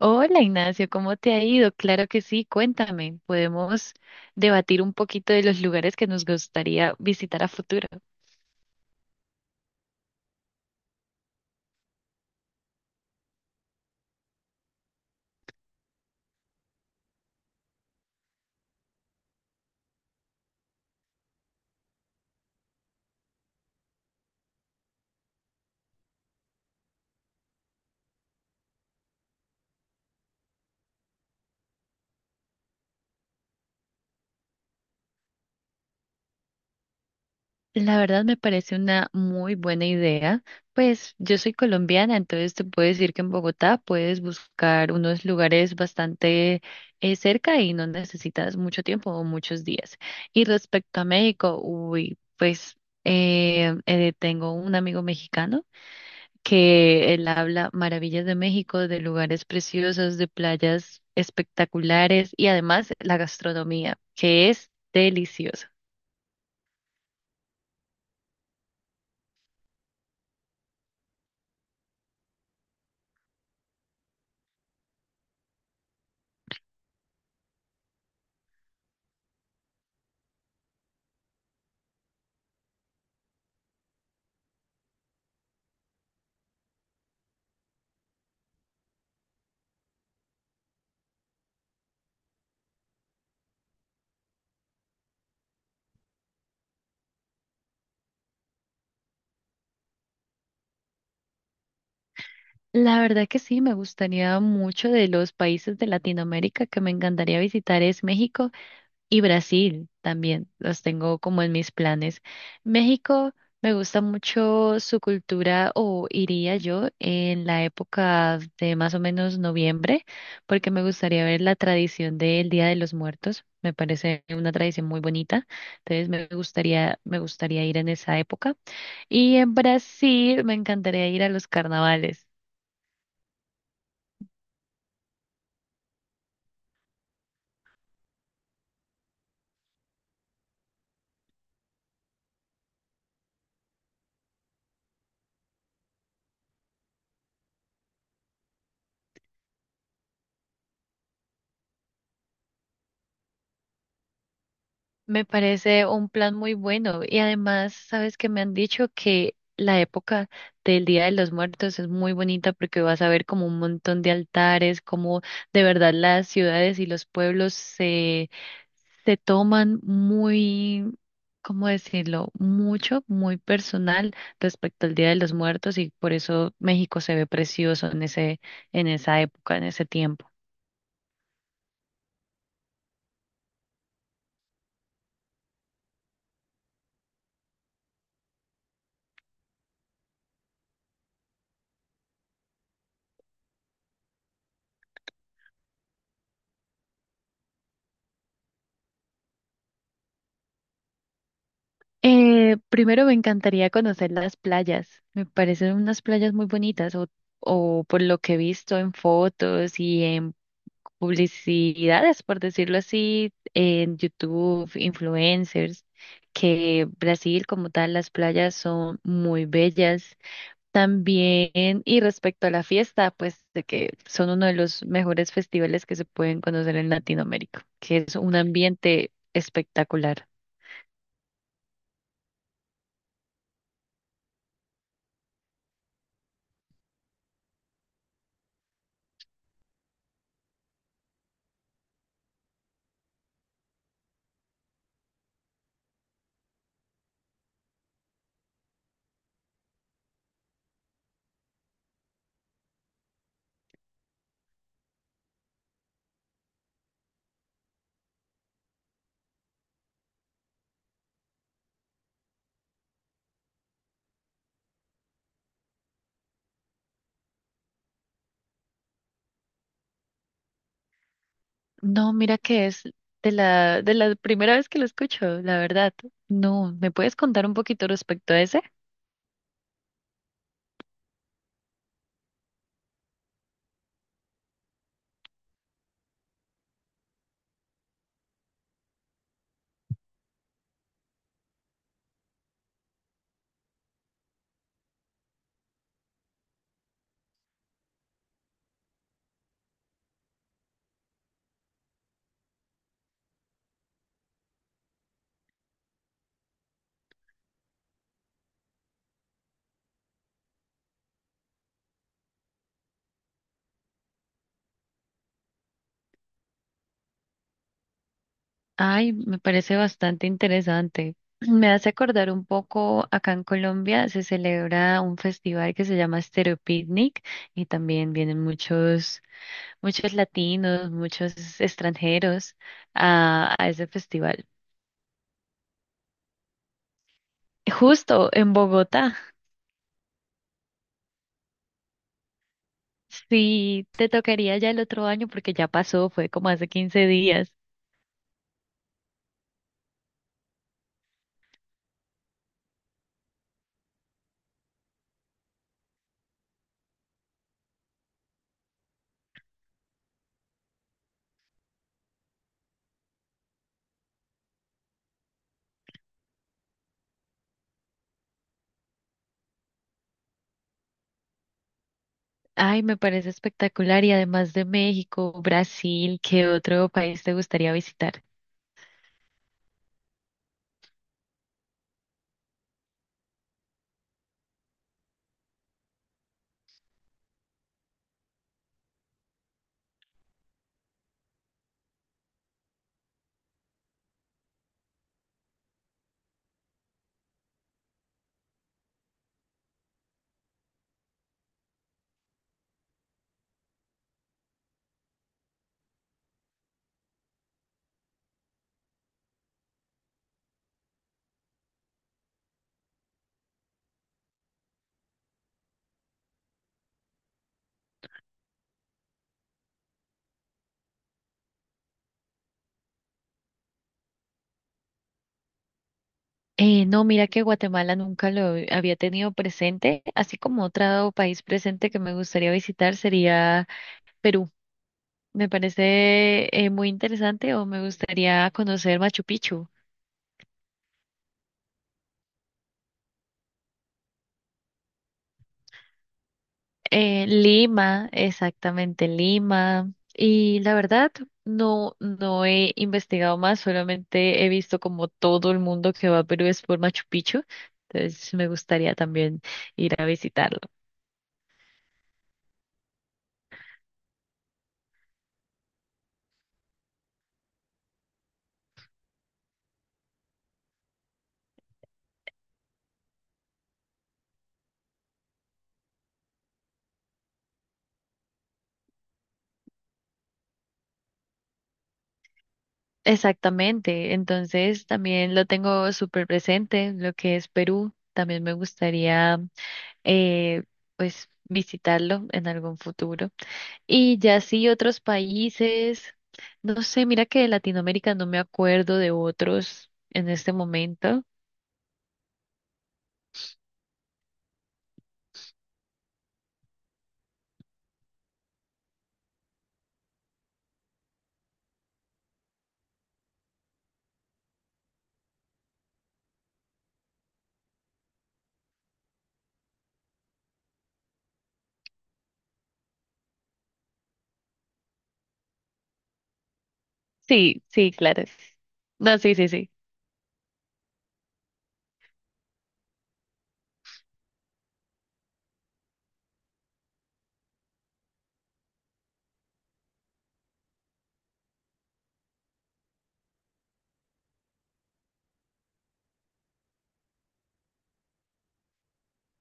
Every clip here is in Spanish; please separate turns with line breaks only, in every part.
Hola Ignacio, ¿cómo te ha ido? Claro que sí, cuéntame. Podemos debatir un poquito de los lugares que nos gustaría visitar a futuro. La verdad me parece una muy buena idea. Pues yo soy colombiana, entonces te puedo decir que en Bogotá puedes buscar unos lugares bastante cerca y no necesitas mucho tiempo o muchos días. Y respecto a México, uy, pues tengo un amigo mexicano que él habla maravillas de México, de lugares preciosos, de playas espectaculares y además la gastronomía, que es deliciosa. La verdad que sí, me gustaría mucho. De los países de Latinoamérica que me encantaría visitar es México. Y Brasil también, los tengo como en mis planes. México, me gusta mucho su cultura. O iría yo en la época de más o menos noviembre, porque me gustaría ver la tradición del Día de los Muertos. Me parece una tradición muy bonita, entonces me gustaría ir en esa época. Y en Brasil me encantaría ir a los carnavales. Me parece un plan muy bueno y además, sabes que me han dicho que la época del Día de los Muertos es muy bonita porque vas a ver como un montón de altares, como de verdad las ciudades y los pueblos se toman muy, ¿cómo decirlo? Mucho, muy personal respecto al Día de los Muertos, y por eso México se ve precioso en en esa época, en ese tiempo. Primero me encantaría conocer las playas. Me parecen unas playas muy o por lo que he visto en fotos y en publicidades, por decirlo así, en YouTube, influencers, que Brasil como tal, las playas son muy bellas. También, y respecto a la fiesta, pues de que son uno de los mejores festivales que se pueden conocer en Latinoamérica, que es un ambiente espectacular. No, mira que es de la primera vez que lo escucho, la verdad. No, ¿me puedes contar un poquito respecto a ese? Ay, me parece bastante interesante. Me hace acordar un poco, acá en Colombia se celebra un festival que se llama Stereo Picnic y también vienen muchos latinos, muchos extranjeros a ese festival. Justo en Bogotá. Sí, te tocaría ya el otro año porque ya pasó, fue como hace 15 días. Ay, me parece espectacular. Y además de México, Brasil, ¿qué otro país te gustaría visitar? No, mira que Guatemala nunca lo había tenido presente, así como otro país presente que me gustaría visitar sería Perú. Me parece muy interesante, o me gustaría conocer Machu Picchu. Lima, exactamente Lima. Y la verdad, no he investigado más, solamente he visto como todo el mundo que va a Perú es por Machu Picchu. Entonces me gustaría también ir a visitarlo. Exactamente. Entonces también lo tengo súper presente, lo que es Perú. También me gustaría eh, pues visitarlo en algún futuro. Y ya sí, otros países, no sé, mira que de Latinoamérica no me acuerdo de otros en este momento. Sí, sí, claro. No, sí, sí, sí.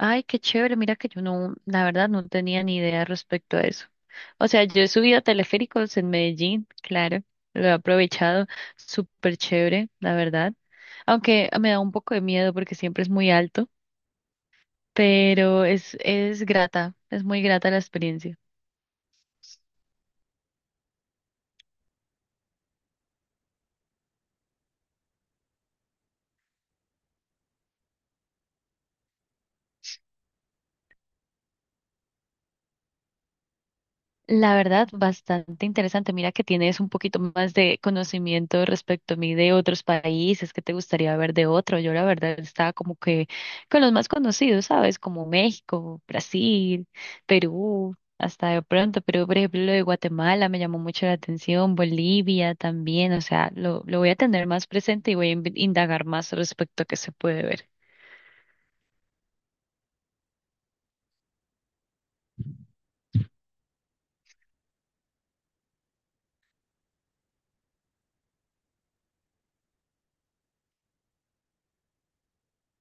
Ay, qué chévere, mira que yo no, la verdad no tenía ni idea respecto a eso. O sea, yo he subido a teleféricos en Medellín, claro, lo he aprovechado, súper chévere, la verdad. Aunque me da un poco de miedo porque siempre es muy alto, pero es grata, es muy grata la experiencia. La verdad, bastante interesante. Mira que tienes un poquito más de conocimiento respecto a mí de otros países que te gustaría ver de otro. Yo la verdad estaba como que con los más conocidos, ¿sabes? Como México, Brasil, Perú, hasta de pronto. Pero por ejemplo lo de Guatemala me llamó mucho la atención, Bolivia también. O sea, lo voy a tener más presente y voy a indagar más respecto a qué se puede ver.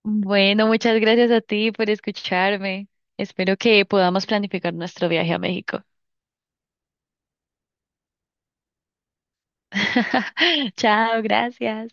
Bueno, muchas gracias a ti por escucharme. Espero que podamos planificar nuestro viaje a México. Chao, gracias.